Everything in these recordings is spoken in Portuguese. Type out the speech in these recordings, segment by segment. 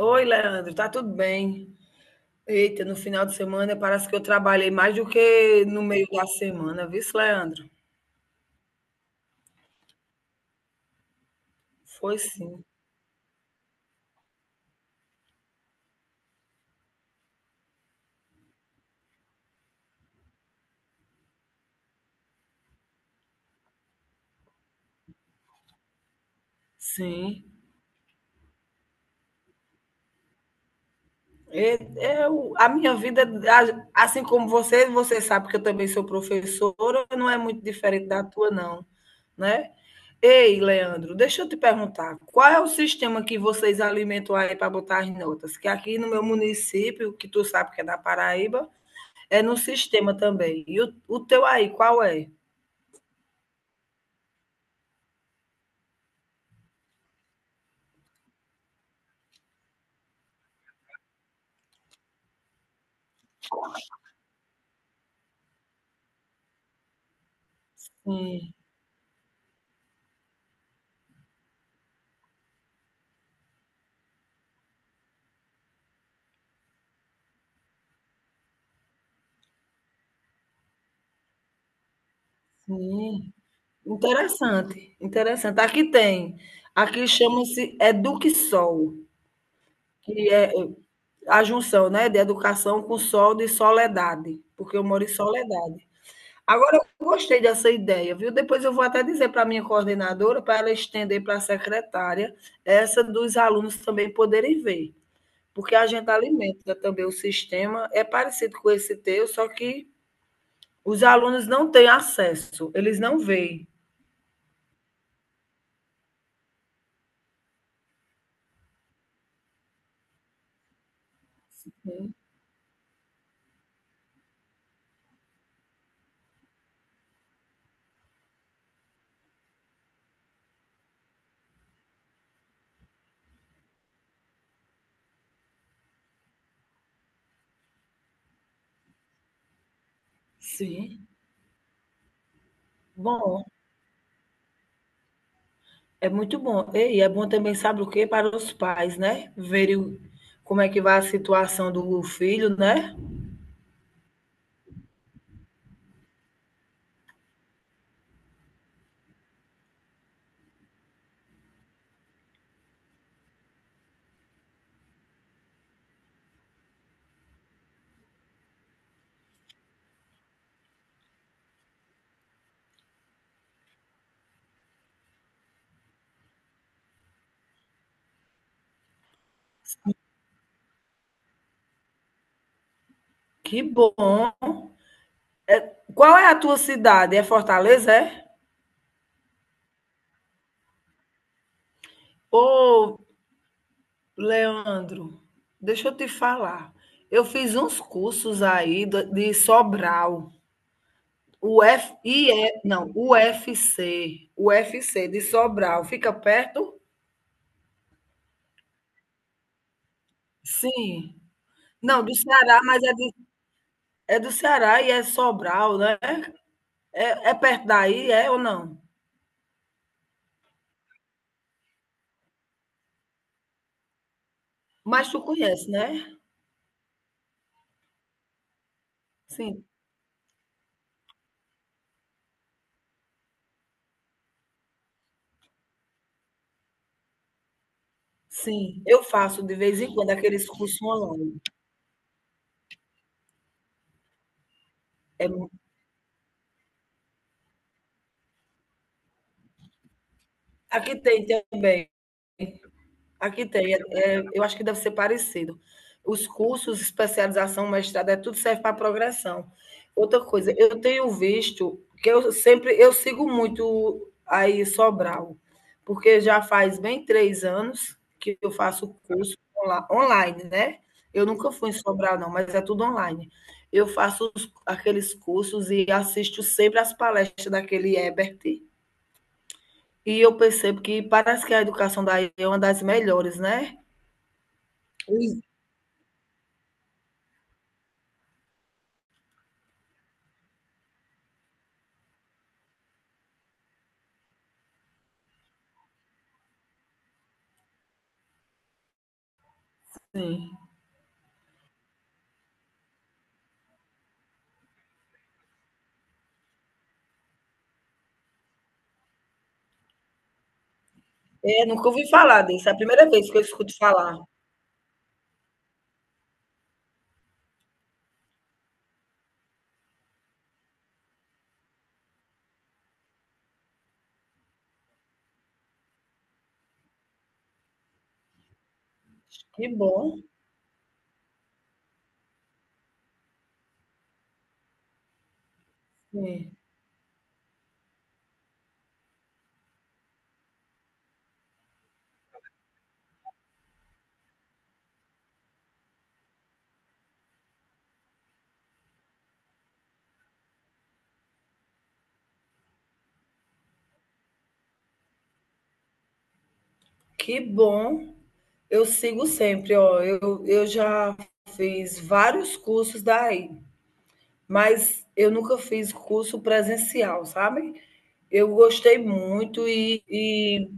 Oi, Leandro, tá tudo bem? Eita, no final de semana parece que eu trabalhei mais do que no meio da semana, viu, Leandro? Foi sim, sim. Eu, a minha vida, assim como você, você sabe que eu também sou professora, não é muito diferente da tua, não, né? Ei, Leandro, deixa eu te perguntar, qual é o sistema que vocês alimentam aí para botar as notas? Que aqui no meu município, que tu sabe que é da Paraíba, é no sistema também. E o teu aí, qual é? Sim, sim. Interessante, interessante. Aqui tem, aqui chama-se Eduquesol, que é a junção, né, de educação com sol de soledade, porque eu moro em Soledade. Agora, eu gostei dessa ideia, viu? Depois eu vou até dizer para a minha coordenadora, para ela estender para a secretária, essa dos alunos também poderem ver, porque a gente alimenta também o sistema, é parecido com esse teu, só que os alunos não têm acesso, eles não veem. Sim. Bom, é muito bom. E é bom também, sabe o quê? Para os pais, né? Verem como é que vai a situação do filho, né? Que bom. Qual é a tua cidade? É Fortaleza, é? Ô, Leandro, deixa eu te falar. Eu fiz uns cursos aí de Sobral. O F, I e não, U F C de Sobral. Fica perto? Sim. Não, do Ceará, mas é, é do Ceará e é Sobral, né? É, é perto daí, é ou não? Mas tu conhece, né? Sim, sim. Eu faço de vez em quando aqueles cursos online. É, aqui tem também. Aqui tem, é, é, eu acho que deve ser parecido. Os cursos, especialização, mestrado, é tudo serve para progressão. Outra coisa, eu tenho visto que eu sempre eu sigo muito aí Sobral, porque já faz bem 3 anos que eu faço curso online, né? Eu nunca fui em Sobral, não, mas é tudo online. Eu faço aqueles cursos e assisto sempre as palestras daquele Ebert. E eu percebo que parece que a educação daí é uma das melhores, né? Sim. É, nunca ouvi falar disso, é a primeira vez que eu escuto falar. Que bom, sim, que bom. Eu sigo sempre, ó, eu já fiz vários cursos daí, mas eu nunca fiz curso presencial, sabe? Eu gostei muito e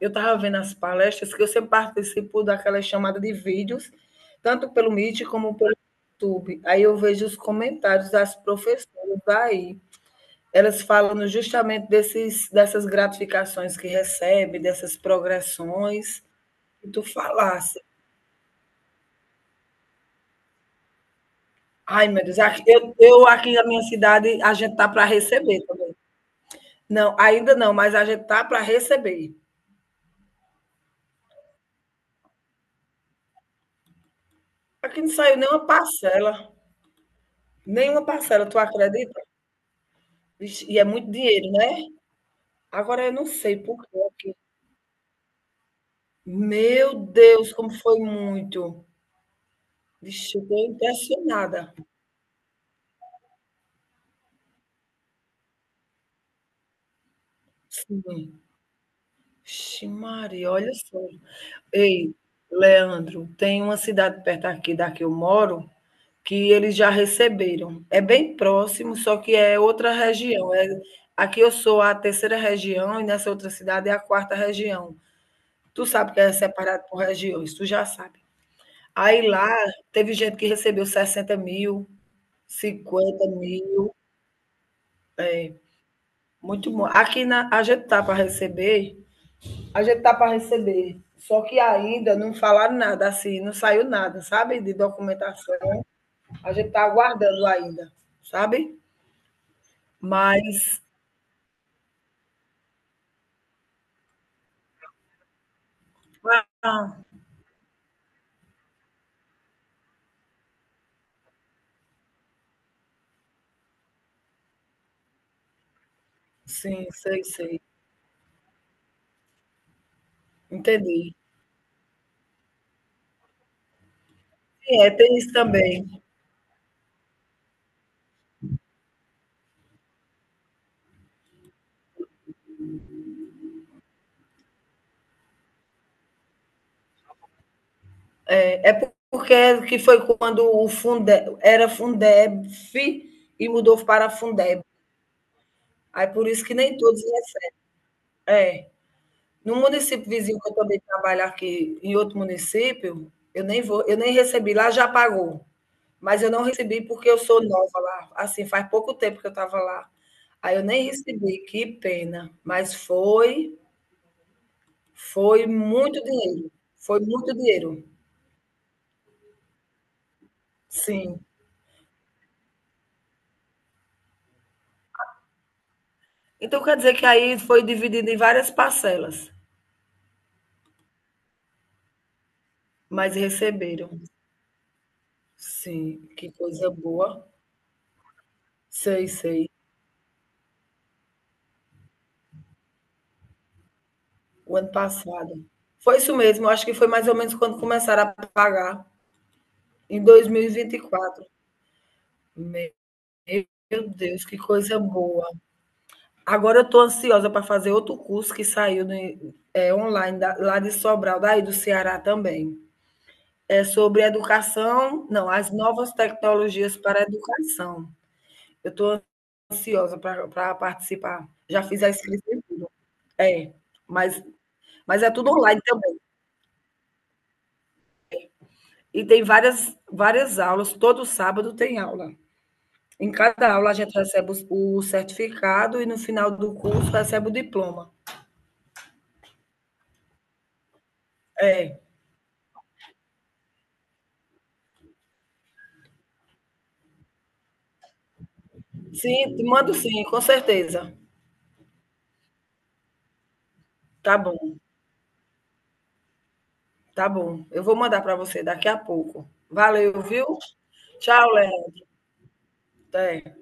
eu estava vendo as palestras que eu sempre participo daquela chamada de vídeos, tanto pelo Meet como pelo YouTube. Aí eu vejo os comentários das professoras daí. Elas falam justamente dessas gratificações que recebe, dessas progressões, e tu falasse, ai meu Deus, eu aqui na minha cidade, a gente tá para receber também. Não, ainda não, mas a gente tá para receber. Aqui não saiu nenhuma parcela, tu acredita? Vixe, e é muito dinheiro, né? Agora eu não sei por quê. Meu Deus, como foi muito. Vixe, eu estou impressionada. Sim. Vixe, Maria, olha só. Ei, Leandro, tem uma cidade perto aqui da que eu moro, que eles já receberam. É bem próximo, só que é outra região. É, aqui eu sou a terceira região e nessa outra cidade é a quarta região. Tu sabe que é separado por regiões, tu já sabe. Aí lá teve gente que recebeu 60 mil, 50 mil. É, muito bom. Aqui na, a gente tá para receber. A gente tá para receber. Só que ainda não falaram nada, assim, não saiu nada, sabe? De documentação. A gente tá aguardando ainda, sabe? Mas. Ah, sim, sei, sei. Entendi. É, tem isso também. É, é porque é que foi quando o Fundeb era Fundeb e mudou para Fundeb. Aí por isso que nem todos recebem. É. No município vizinho que eu também trabalho aqui, em outro município, eu nem vou, eu nem recebi, lá já pagou. Mas eu não recebi porque eu sou nova lá, assim, faz pouco tempo que eu estava lá. Aí eu nem recebi, que pena, mas foi, foi muito dinheiro. Foi muito dinheiro. Sim. Então quer dizer que aí foi dividido em várias parcelas, mas receberam. Sim, que coisa boa. Sei, sei. O ano passado. Foi isso mesmo, acho que foi mais ou menos quando começaram a pagar, em 2024. Meu Deus, que coisa boa. Agora eu estou ansiosa para fazer outro curso que saiu é, online, lá de Sobral, daí do Ceará também. É sobre educação, não, as novas tecnologias para a educação. Eu estou ansiosa para participar. Já fiz a inscrição. É, mas, mas é tudo online também. E tem várias, várias aulas, todo sábado tem aula. Em cada aula a gente recebe o certificado e no final do curso recebe o diploma. É. Sim, te mando sim, com certeza. Tá bom, tá bom. Eu vou mandar para você daqui a pouco. Valeu, viu? Tchau, Léo. Até.